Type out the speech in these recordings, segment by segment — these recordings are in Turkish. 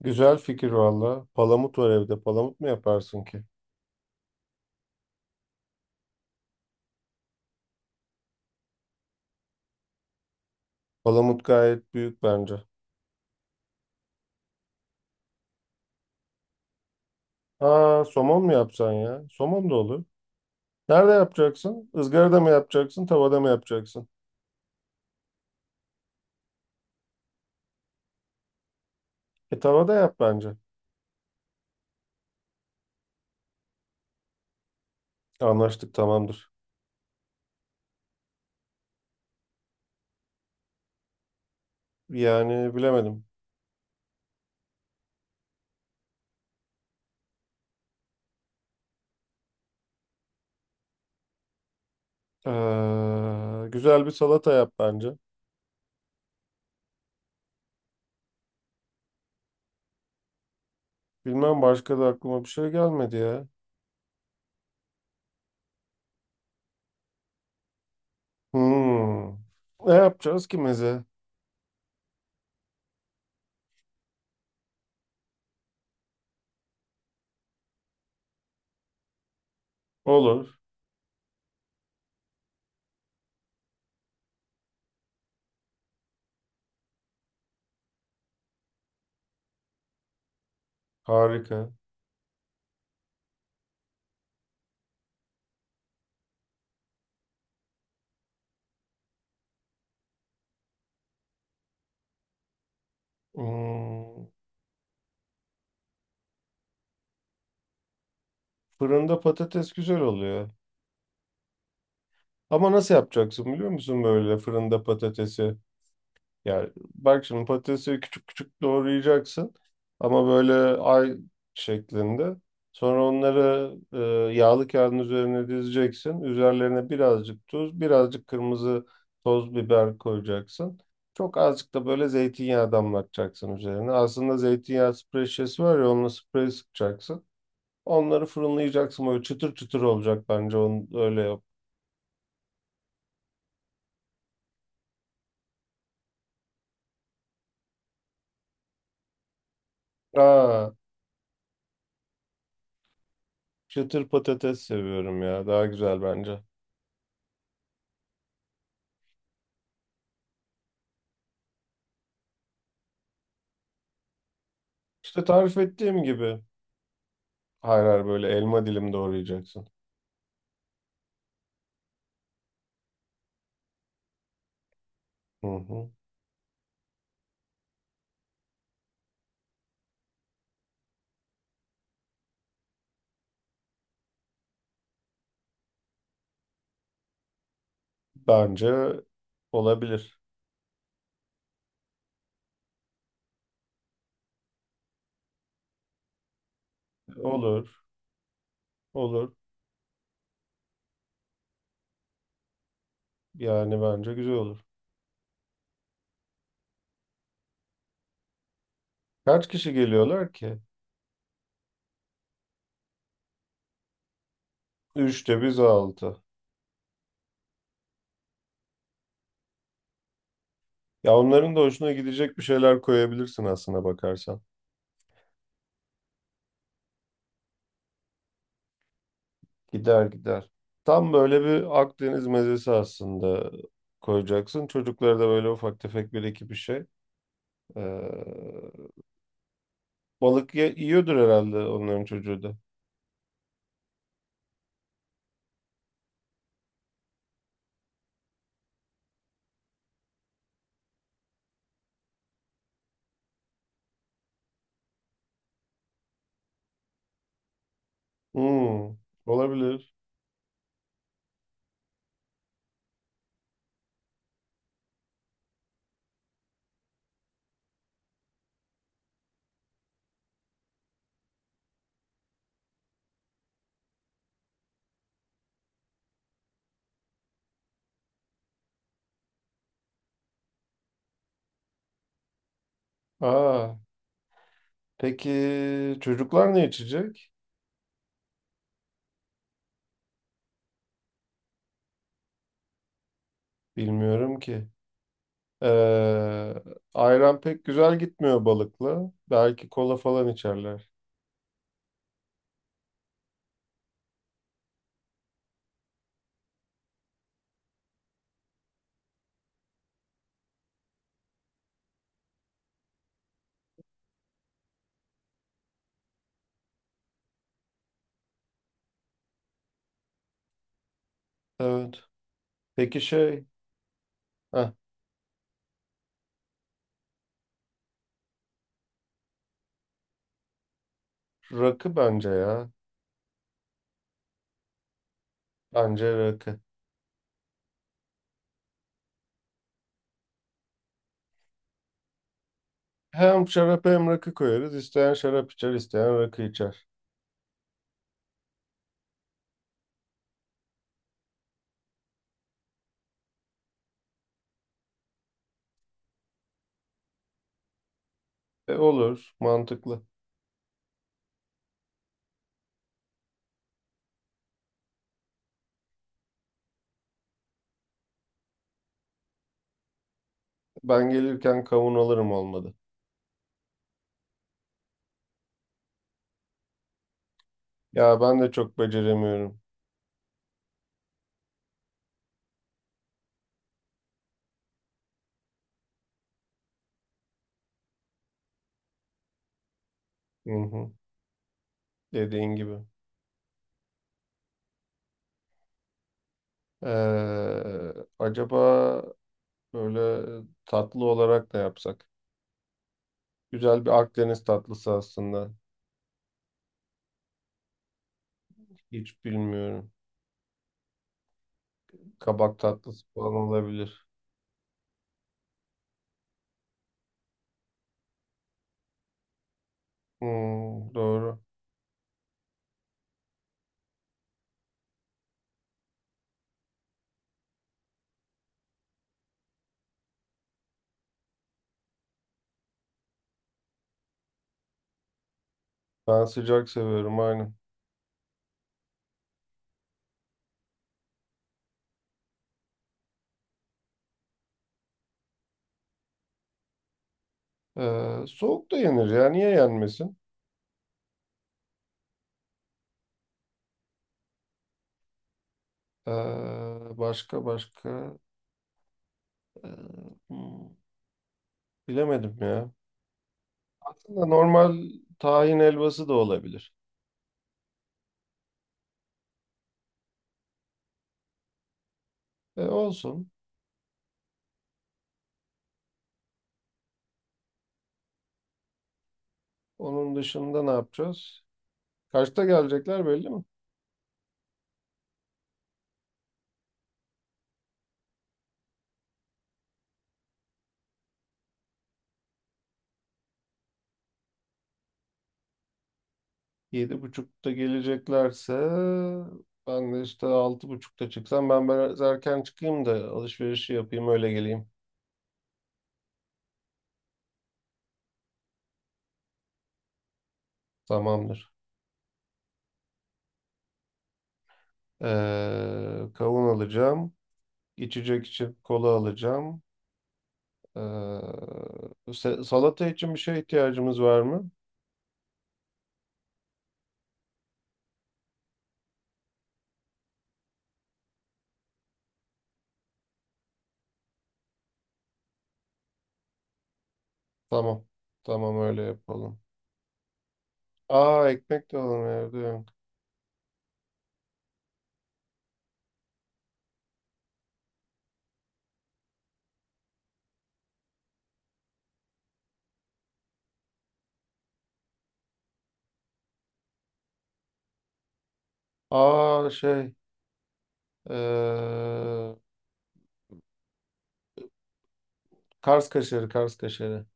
Güzel fikir valla. Palamut var evde. Palamut mu yaparsın ki? Palamut gayet büyük bence. Aa, somon mu yapsan ya? Somon da olur. Nerede yapacaksın? Izgarada mı yapacaksın? Tavada mı yapacaksın? E tavada yap bence. Anlaştık tamamdır. Yani bilemedim. Güzel bir salata yap bence. Bilmem başka da aklıma bir şey gelmedi ya. Hmm. Ne yapacağız ki meze? Olur. Harika. Hmm. Fırında patates güzel oluyor. Ama nasıl yapacaksın biliyor musun böyle fırında patatesi? Yani bak şimdi patatesi küçük küçük doğrayacaksın ama böyle ay şeklinde. Sonra onları yağlı kağıdın üzerine dizeceksin. Üzerlerine birazcık tuz, birazcık kırmızı toz biber koyacaksın. Çok azıcık da böyle zeytinyağı damlatacaksın üzerine. Aslında zeytinyağı sprey şişesi var ya onunla sprey sıkacaksın. Onları fırınlayacaksın böyle çıtır çıtır olacak bence onu öyle yap. Aa. Çıtır patates seviyorum ya. Daha güzel bence. İşte tarif ettiğim gibi. Hayır hayır böyle elma dilim doğrayacaksın. Hı hı. Bence olabilir. Olur. Olur. Yani bence güzel olur. Kaç kişi geliyorlar ki? Üçte biz altı. Ya onların da hoşuna gidecek bir şeyler koyabilirsin aslına bakarsan. Gider gider. Tam böyle bir Akdeniz mezesi aslında koyacaksın. Çocuklara da böyle ufak tefek bir iki bir şey. Ee, Balık yiyordur herhalde onların çocuğu da. Hmm, olabilir. Aa, peki çocuklar ne içecek? Bilmiyorum ki. Ee, ayran pek güzel gitmiyor balıkla. Belki kola falan içerler. Evet. Peki heh, rakı bence ya. Bence rakı. Hem şarap hem rakı koyarız. İsteyen şarap içer, isteyen rakı içer. E, olur, mantıklı. Ben gelirken kavun alırım olmadı. Ya ben de çok beceremiyorum. Hı hı. Dediğin gibi. Ee, acaba böyle tatlı olarak da yapsak? Güzel bir Akdeniz tatlısı aslında. Hiç bilmiyorum. Kabak tatlısı falan olabilir. Hmm, doğru. Ben sıcak seviyorum aynen. Soğuk da yenir ya. Niye yenmesin? Ee, başka başka. Ee, hmm, bilemedim ya. Aslında normal tahin helvası da olabilir. E, olsun. Onun dışında ne yapacağız? Kaçta gelecekler belli mi? 7.30'da geleceklerse ben de işte 6.30'da çıksam ben biraz erken çıkayım da alışverişi yapayım öyle geleyim. Tamamdır. Kavun alacağım. İçecek için kola alacağım. Ee, salata için bir şeye ihtiyacımız var mı? Tamam. Tamam öyle yapalım. Aa, ekmek de alalım evde yok. Aa, ee, Kars kaşarı, Kars kaşarı.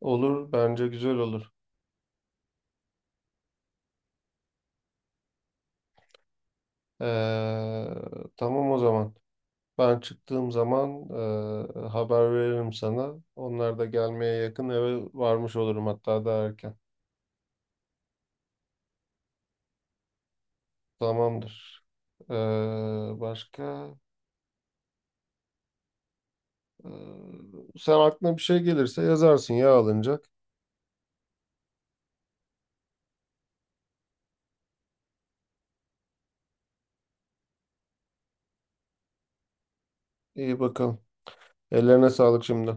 Olur, bence güzel olur. Ee, tamam o zaman. Ben çıktığım zaman haber veririm sana. Onlar da gelmeye yakın eve varmış olurum hatta daha erken. Tamamdır. Başka? Ee, sen aklına bir şey gelirse yazarsın ya alınacak. İyi bakalım. Ellerine sağlık şimdi.